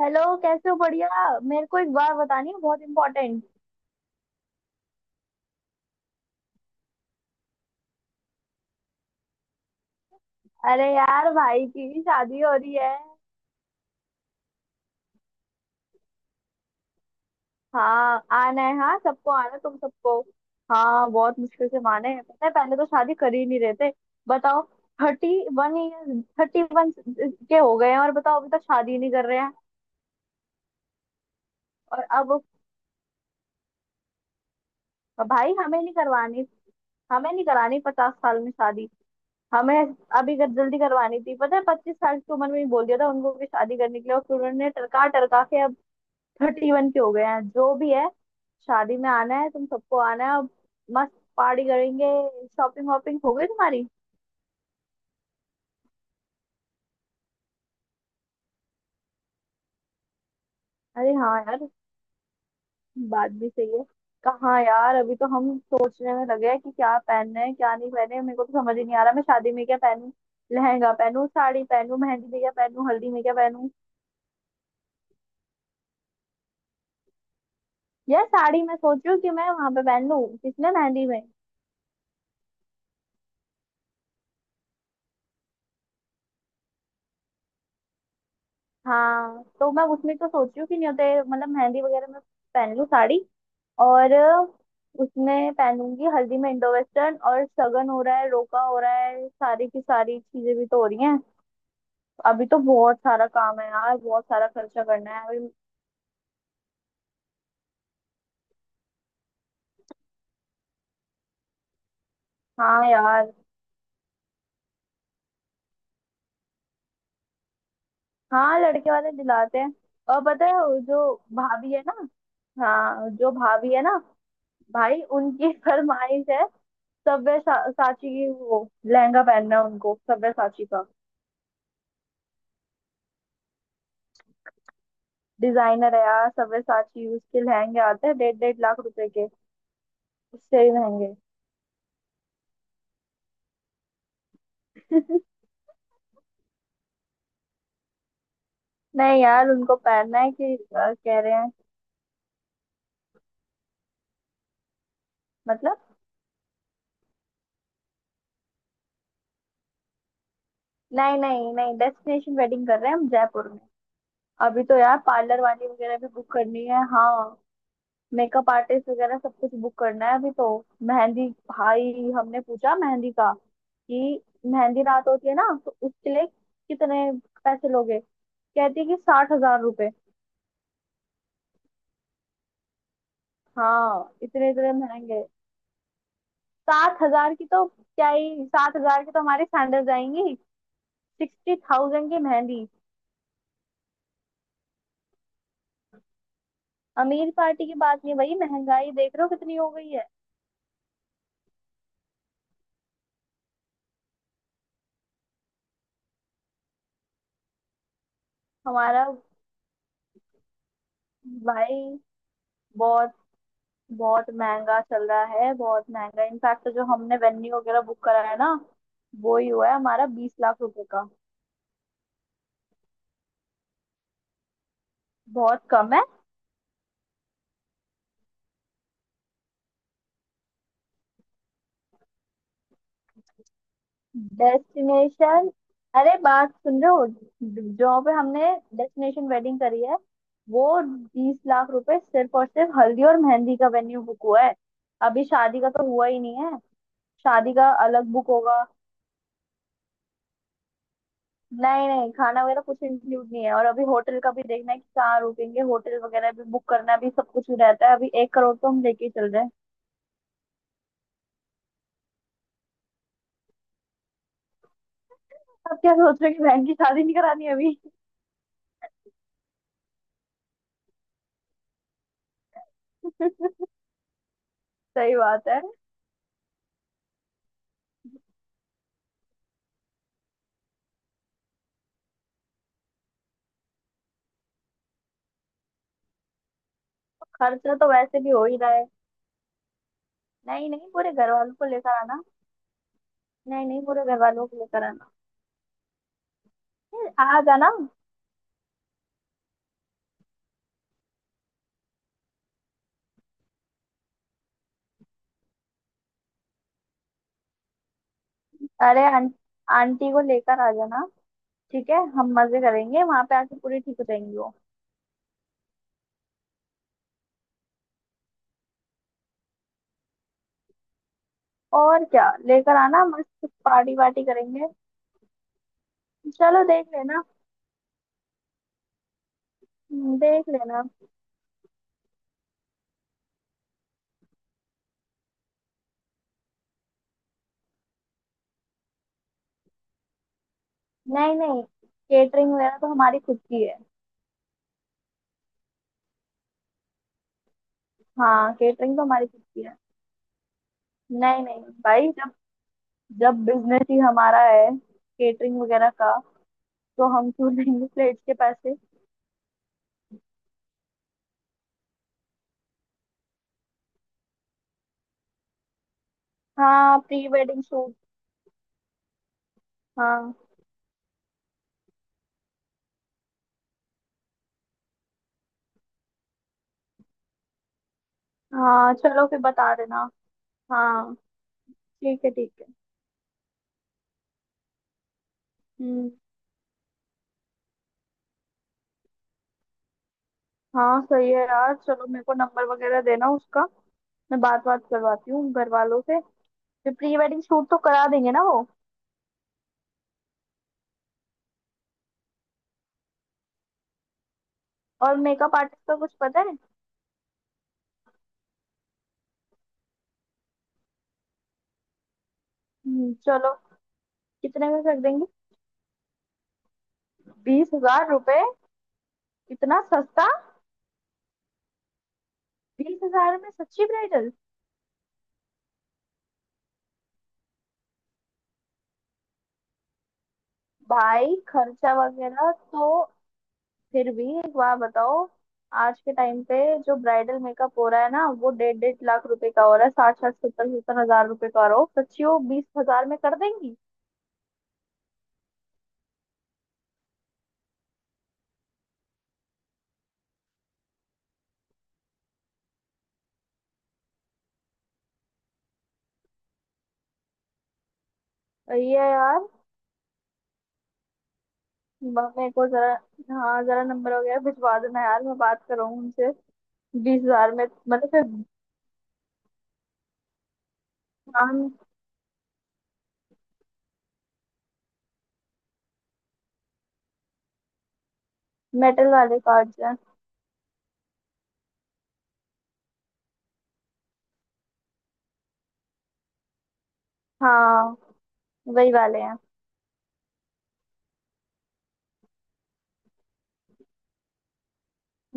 Hello. कैसे हो? बढ़िया। मेरे को एक बात बतानी है, बहुत इम्पोर्टेंट। अरे यार, भाई की भी शादी हो रही है। हाँ, आना है। हाँ, सबको आना, तुम सबको। हाँ, बहुत मुश्किल से माने हैं, पता है पहले तो शादी कर ही नहीं रहे थे। बताओ। थर्टी थर्टी वन के हो गए हैं और बताओ अभी तक शादी नहीं कर रहे हैं। और अब। भाई, हमें नहीं करवानी। हमें नहीं करानी 50 साल में शादी। हमें जल्दी करवानी थी, पता है 25 साल की उम्र में ही बोल दिया था उनको कि शादी करने के लिए, और फिर उन्होंने टरका टरका के 31 के हो गए हैं, जो भी है। शादी में आना है, तुम सबको आना है। और मस्त पार्टी करेंगे। शॉपिंग वॉपिंग हो गई तुम्हारी? अरे हाँ यार, बात भी सही है। कहाँ यार, अभी तो हम सोचने में लगे हैं कि क्या पहनना है, क्या नहीं पहने। मेरे को तो समझ ही नहीं आ रहा, मैं शादी में क्या पहनूं। लहंगा पहनूं, साड़ी पहनूं, मेहंदी में क्या पहनूं, हल्दी में क्या पहनूं। यार साड़ी मैं सोच रही हूँ कि मैं वहां पे पहन लूँ, किसने मेहंदी में। हाँ, तो मैं उसमें तो सोच रही हूँ कि नहीं होते मतलब मेहंदी वगैरह में। पहन लूँ साड़ी। और उसमें पहनूंगी हल्दी में इंडो वेस्टर्न, और सगन हो रहा है, रोका हो रहा है, सारी की सारी चीजें भी तो हो रही हैं। अभी तो बहुत सारा काम है यार, बहुत सारा खर्चा करना है अभी। हाँ यार। हाँ, लड़के वाले दिलाते हैं। और पता है, वो जो भाभी है ना। हाँ, जो भाभी है ना। भाई, उनकी फरमाइश है। सब्यसाची की वो लहंगा पहनना है उनको, सब्यसाची का। डिजाइनर है यार सव्यसाची, उसके लहंगे आते हैं डेढ़ डेढ़ लाख रुपए के। उससे भी महंगे। नहीं यार, उनको पहनना है कि कह रहे हैं। मतलब। नहीं नहीं नहीं, डेस्टिनेशन वेडिंग कर रहे हैं हम जयपुर में। अभी तो यार पार्लर वाली वगैरह भी बुक करनी है, हाँ। मेकअप आर्टिस्ट वगैरह सब कुछ बुक करना है अभी तो। मेहंदी, भाई हमने पूछा मेहंदी का कि मेहंदी रात होती है ना, तो उसके लिए कितने पैसे लोगे? कहती है कि 60 हजार रुपए। हाँ, इतने इतने महंगे। 7 हजार की तो क्या ही, 7 हजार की तो हमारी सैंडल जाएंगी। 60,000 की मेहंदी। अमीर पार्टी की बात नहीं भाई, महंगाई देख रहे हो कितनी हो गई है। हमारा। भाई। बहुत बहुत महंगा चल रहा है, बहुत महंगा। इनफैक्ट जो हमने वेन्यू वगैरह बुक करा है ना, वो ही हुआ है हमारा 20 लाख रुपए का। बहुत कम है। डेस्टिनेशन। अरे बात सुन रहे हो, जहाँ पे हमने डेस्टिनेशन वेडिंग करी है, वो 20 लाख रुपए सिर्फ और सिर्फ हल्दी और मेहंदी का वेन्यू बुक हुआ है। अभी शादी का तो हुआ ही नहीं है। शादी का अलग बुक होगा। नहीं नहीं, खाना वगैरह कुछ इंक्लूड नहीं है। और अभी होटल का भी देखना है कि कहाँ रुकेंगे, होटल वगैरह भी बुक करना भी सब कुछ ही रहता है। अभी 1 करोड़ तो हम लेके ही चल रहे हैं। अब क्या सोच रहे हो कि बहन की शादी नहीं करानी है अभी? सही बात है। खर्चा तो वैसे भी हो ही रहा है। नहीं नहीं, पूरे घर वालों को लेकर आना। नहीं नहीं, पूरे घर वालों को लेकर आना। नहीं, आ जाना। अरे आंटी को लेकर आ जाना। ठीक है, हम मजे करेंगे वहां पे आके, पूरी ठीक हो जाएंगी वो। और क्या लेकर आना, मस्त पार्टी वार्टी करेंगे। चलो, देख लेना। देख लेना। नहीं नहीं, केटरिंग वगैरह तो हमारी खुद की है। हाँ, केटरिंग तो हमारी खुद की है। नहीं नहीं भाई, जब जब बिजनेस ही हमारा है केटरिंग वगैरह का, तो हम क्यों लेंगे प्लेट्स के पैसे। हाँ, प्री वेडिंग शूट। हाँ। हाँ चलो, फिर बता देना। हाँ, ठीक है ठीक है। हम्म। हाँ सही है यार, चलो मेरे को नंबर वगैरह देना उसका। मैं बात बात करवाती हूँ घर वालों से। फिर प्री वेडिंग शूट तो करा देंगे ना वो। और मेकअप आर्टिस्ट का कुछ पता है? चलो। कितने में कर देंगे? 20 हजार रुपए? इतना सस्ता? 20 हजार में सच्ची ब्राइडल? भाई खर्चा वगैरह तो फिर भी एक बार बताओ। आज के टाइम पे जो ब्राइडल मेकअप हो रहा है ना, वो डेढ़ डेढ़ लाख रुपए का हो रहा है, साठ साठ सत्तर सत्तर हजार रुपए का हो रहा हो, सच्ची वो 20 हजार में कर देंगी? सही है यार। मेरे को जरा, हाँ जरा नंबर वगैरह भिजवा देना यार, मैं बात करूँ उनसे। 20 हजार में मतलब फिर। हाँ, मेटल वाले कार्ड हैं। हाँ, वही वाले हैं।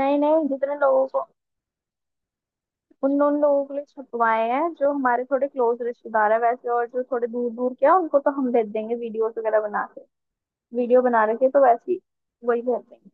नहीं नहीं, जितने लोगों को, उन उन लोगों के लिए छपवाए हैं जो हमारे थोड़े क्लोज रिश्तेदार है वैसे, और जो थोड़े दूर दूर के हैं उनको तो हम भेज देंगे वीडियोस वगैरह बना के। वीडियो बना रखे तो वैसे ही। वही भेज देंगे।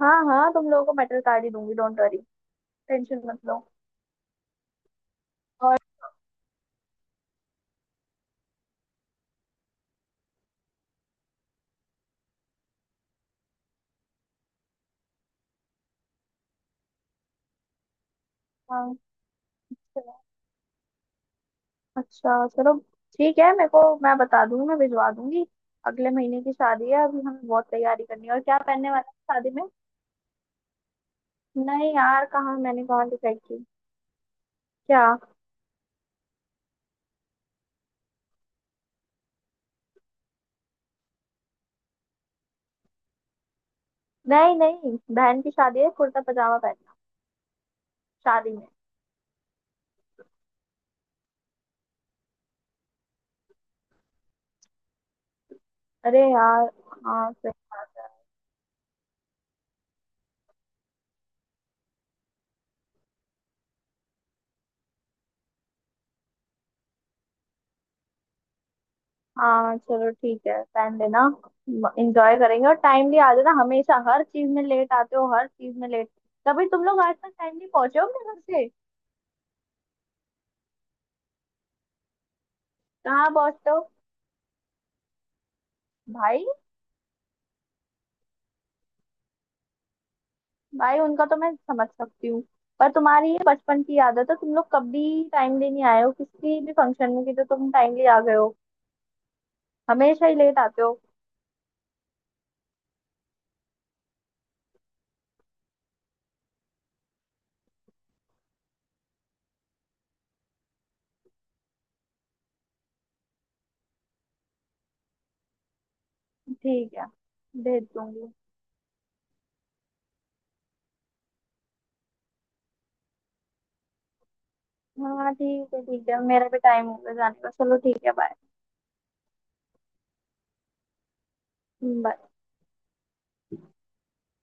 हाँ हाँ, तुम लोगों को मेटल कार्ड ही दूंगी, डोंट वरी। टेंशन मत लो। और हाँ चलो। अच्छा चलो, ठीक है, मेरे को मैं बता दूंगी, मैं भिजवा दूंगी। अगले महीने की शादी है, अभी हमें बहुत तैयारी करनी है। और क्या पहनने वाला है शादी में? नहीं यार, कहाँ मैंने कहाँ डिसाइड की। क्या? नहीं नहीं, बहन की शादी है, कुर्ता पजामा पहनना शादी में। अरे यार। हाँ सही बात है। हाँ चलो, ठीक है पहन लेना। एंजॉय करेंगे, और टाइमली आ जाना। हमेशा हर चीज में लेट आते हो, हर चीज में लेट। कभी तुम लोग आज तक टाइमली पहुंचे हो अपने घर से? कहाँ पहुंचते हो? भाई, भाई उनका तो मैं समझ सकती हूँ। पर तुम्हारी ये बचपन की आदत है, तुम लोग कभी टाइमली नहीं आए हो किसी भी फंक्शन में कि जो तुम टाइमली आ गए हो। हमेशा ही लेट आते हो। ठीक है, भेज दूंगी। हाँ ठीक है ठीक है, मेरा भी टाइम हो गया जाने का। चलो ठीक है, बाय। बाय।